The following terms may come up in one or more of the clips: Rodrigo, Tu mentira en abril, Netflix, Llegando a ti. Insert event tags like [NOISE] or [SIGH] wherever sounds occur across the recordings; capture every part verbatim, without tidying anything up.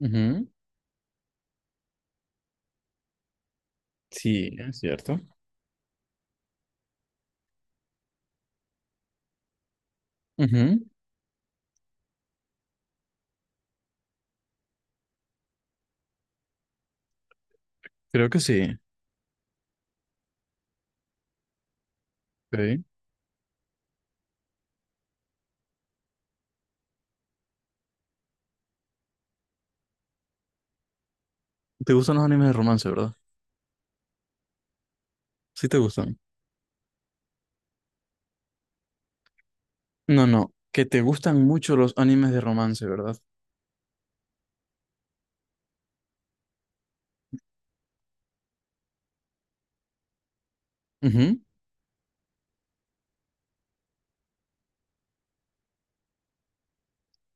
Ujú. Sí, es cierto. Ujú. Creo que sí. Ok. ¿Te gustan los animes de romance, verdad? Sí te gustan. No, no, que te gustan mucho los animes de romance, ¿verdad? Ujú.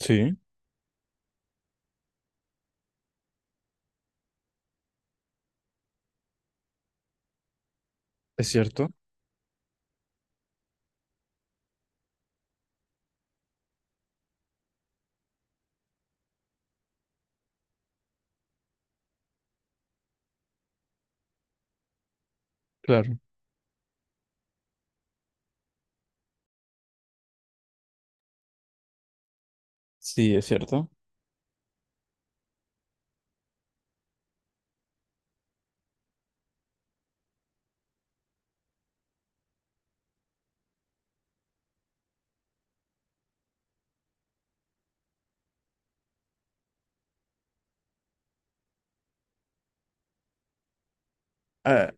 Sí, es cierto. Claro. Sí, es cierto. Ah,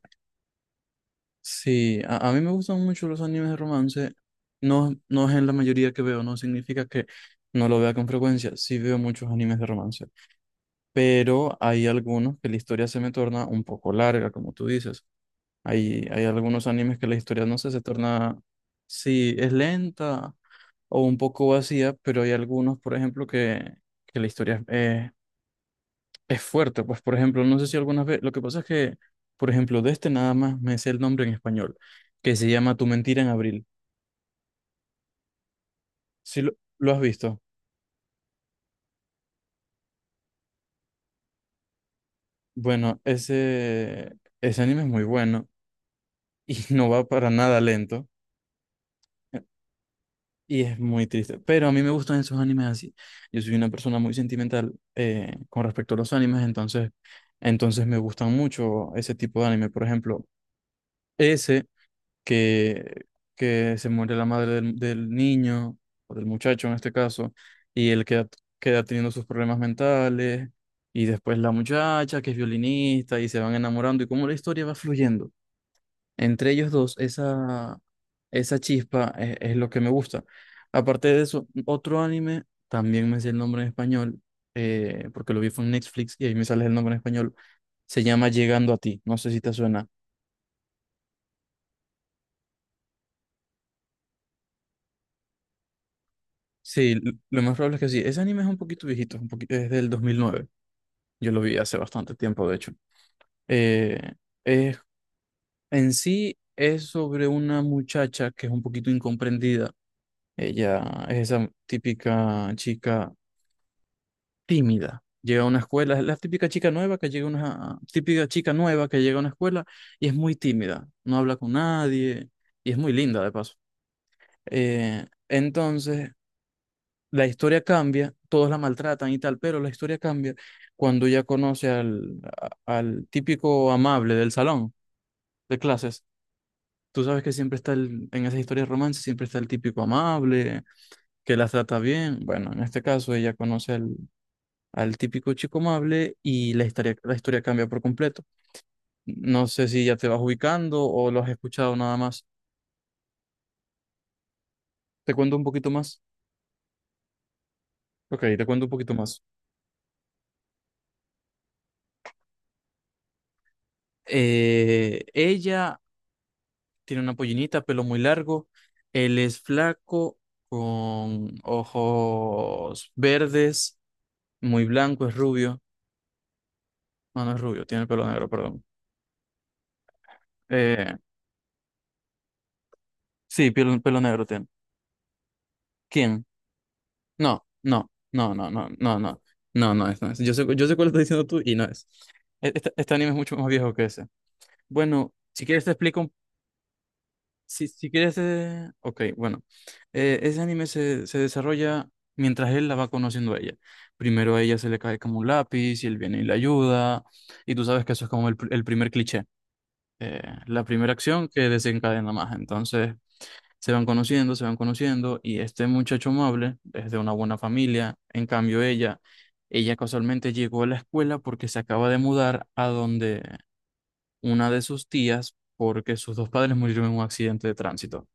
sí, a, a mí me gustan mucho los animes de romance. No, no es en la mayoría que veo, no significa que no lo vea con frecuencia. Sí veo muchos animes de romance, pero hay algunos que la historia se me torna un poco larga, como tú dices. Hay, hay algunos animes que la historia, no sé, se torna, sí, es lenta o un poco vacía, pero hay algunos, por ejemplo, que, que la historia eh, es fuerte. Pues, por ejemplo, no sé si algunas veces, lo que pasa es que, por ejemplo, de este nada más me sé el nombre en español, que se llama Tu mentira en abril. Si lo, lo has visto. Bueno, ese, ese anime es muy bueno y [LAUGHS] no va para nada lento. Y es muy triste. Pero a mí me gustan esos animes así. Yo soy una persona muy sentimental eh, con respecto a los animes, entonces, entonces me gustan mucho ese tipo de anime. Por ejemplo, ese que, que se muere la madre del, del niño, o del muchacho en este caso, y él queda, queda teniendo sus problemas mentales, y después la muchacha que es violinista, y se van enamorando, y cómo la historia va fluyendo. Entre ellos dos, esa, esa chispa es, es lo que me gusta. Aparte de eso, otro anime, también me sé el nombre en español, eh, porque lo vi fue en Netflix y ahí me sale el nombre en español, se llama Llegando a ti, no sé si te suena. Sí, l- lo más probable es que sí. Ese anime es un poquito viejito, un poquito, es del dos mil nueve. Yo lo vi hace bastante tiempo, de hecho. Eh, es- en sí es sobre una muchacha que es un poquito incomprendida. Ella es esa típica chica tímida. Llega a una escuela, es la típica chica nueva que llega a una típica chica nueva que llega a una escuela y es muy tímida, no habla con nadie y es muy linda de paso. Eh, entonces, la historia cambia, todos la maltratan y tal, pero la historia cambia cuando ya conoce al, a- al típico amable del salón de clases. Tú sabes que siempre está el, en esas historias de romance, siempre está el típico amable que las trata bien. Bueno, en este caso ella conoce al típico chico amable y la historia, la historia cambia por completo. No sé si ya te vas ubicando o lo has escuchado nada más. ¿Te cuento un poquito más? Ok, te cuento un poquito más. Eh, ella tiene una pollinita, pelo muy largo. Él es flaco, con ojos verdes, muy blanco, es rubio. No, no es rubio, tiene el pelo negro, perdón. Eh, sí, pelo, pelo negro tiene. ¿Quién? No, no, no, no, no, no, no, no, no es, no es. Yo sé, yo sé cuál estás diciendo tú y no es. E- Este, este anime es mucho más viejo que ese. Bueno, si quieres te explico, un- si, si quieres, eh, ok, bueno. Eh, ese anime se, se desarrolla mientras él la va conociendo a ella. Primero a ella se le cae como un lápiz y él viene y la ayuda. Y tú sabes que eso es como el, pr- el primer cliché. eh, la primera acción que desencadena más. Entonces, se van conociendo, se van conociendo y este muchacho amable es de una buena familia. En cambio, ella, ella casualmente llegó a la escuela porque se acaba de mudar a donde una de sus tías, porque sus dos padres murieron en un accidente de tránsito.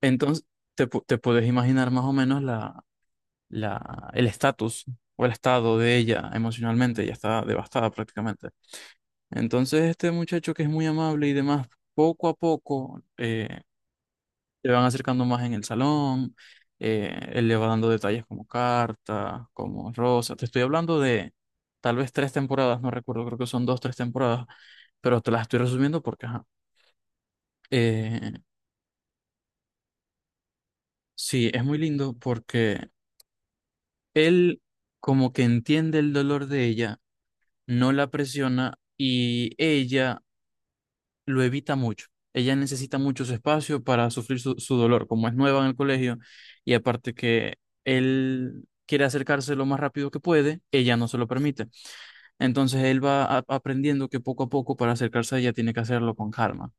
Entonces, te, pu- te puedes imaginar más o menos la, la, el estatus o el estado de ella emocionalmente. Ella está devastada prácticamente. Entonces, este muchacho que es muy amable y demás, poco a poco eh, se van acercando más en el salón, eh, él le va dando detalles como carta, como rosa. Te estoy hablando de tal vez tres temporadas, no recuerdo, creo que son dos, tres temporadas, pero te las estoy resumiendo porque, ajá. Eh, sí, es muy lindo porque él como que entiende el dolor de ella, no la presiona y ella lo evita mucho. Ella necesita mucho su espacio para sufrir su, su dolor, como es nueva en el colegio, y aparte que él quiere acercarse lo más rápido que puede, ella no se lo permite. Entonces él va a- aprendiendo que poco a poco para acercarse a ella tiene que hacerlo con calma.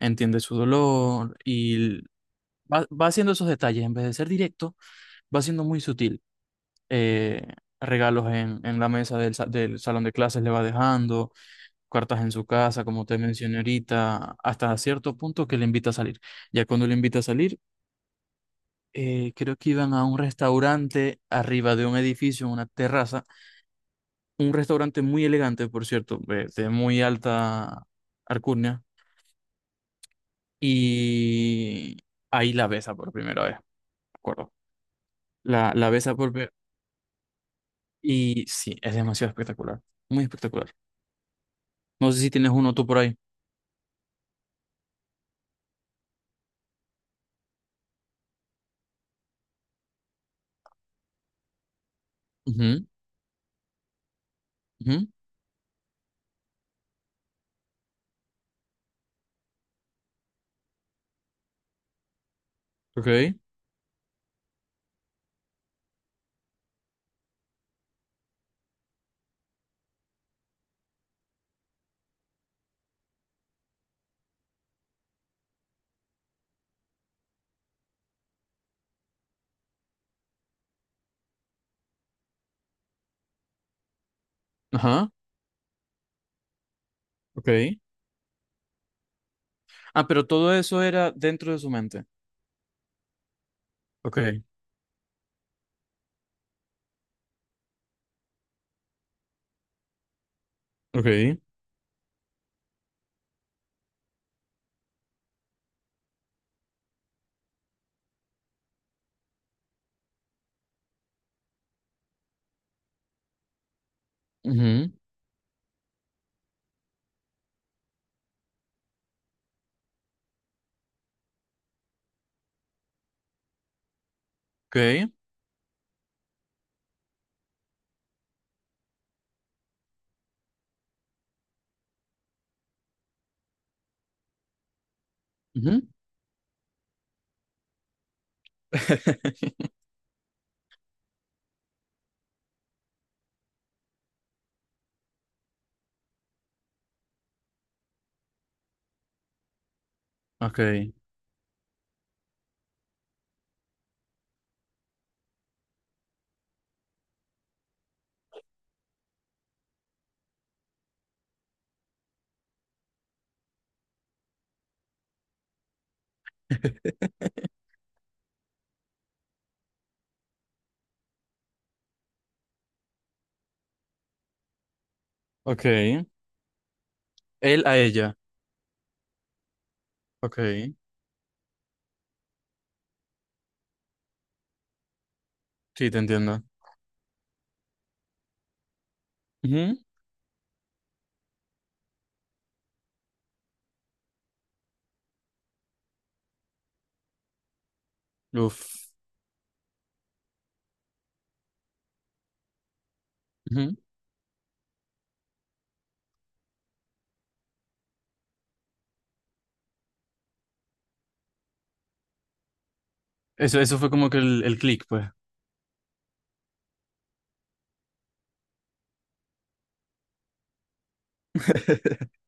Entiende su dolor y va, va haciendo esos detalles. En vez de ser directo, va siendo muy sutil. Eh, Regalos en, en la mesa del, sa- del salón de clases le va dejando cartas en su casa, como te mencioné ahorita, hasta cierto punto que le invita a salir. Ya cuando le invita a salir, eh, creo que iban a un restaurante arriba de un edificio, en una terraza, un restaurante muy elegante, por cierto, de, de muy alta alcurnia, y ahí la besa por primera vez, me acuerdo. La, la besa por primera y sí, es demasiado espectacular, muy espectacular. No sé si tienes uno tú por ahí. Ujú. Ujú. Ok. Ajá. Ok. Ah, pero todo eso era dentro de su mente. Ok. Ok. Ujú. Ok. Ujú. [LAUGHS] Ok. Ok. Él a ella. Ok, sí, te entiendo. Ujú. Uf. Ujú. Eso, eso fue como que el, el click, pues. [LAUGHS]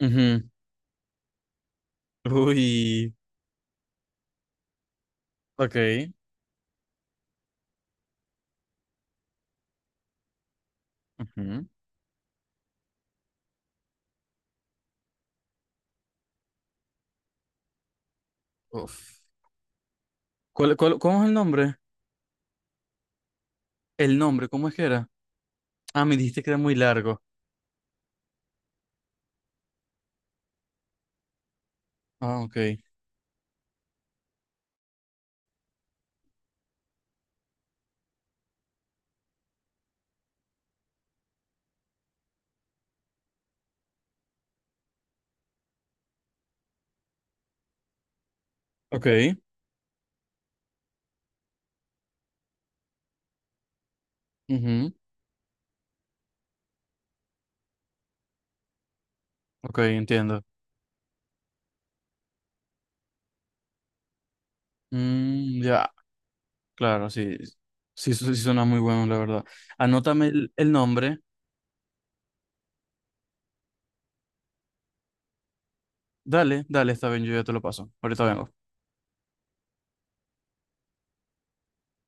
Ujú. Uy, ok. Ujú. Uf. ¿Cuál, cuál- cómo es el nombre? El nombre, ¿cómo es que era? Ah, me dijiste que era muy largo. Ah, ok, ok. Ujú. Ok, entiendo. Mm, ya. Claro, sí, sí, su- sí suena muy bueno, la verdad. Anótame el, el nombre. Dale, dale, está bien, yo ya te lo paso. Ahorita vengo.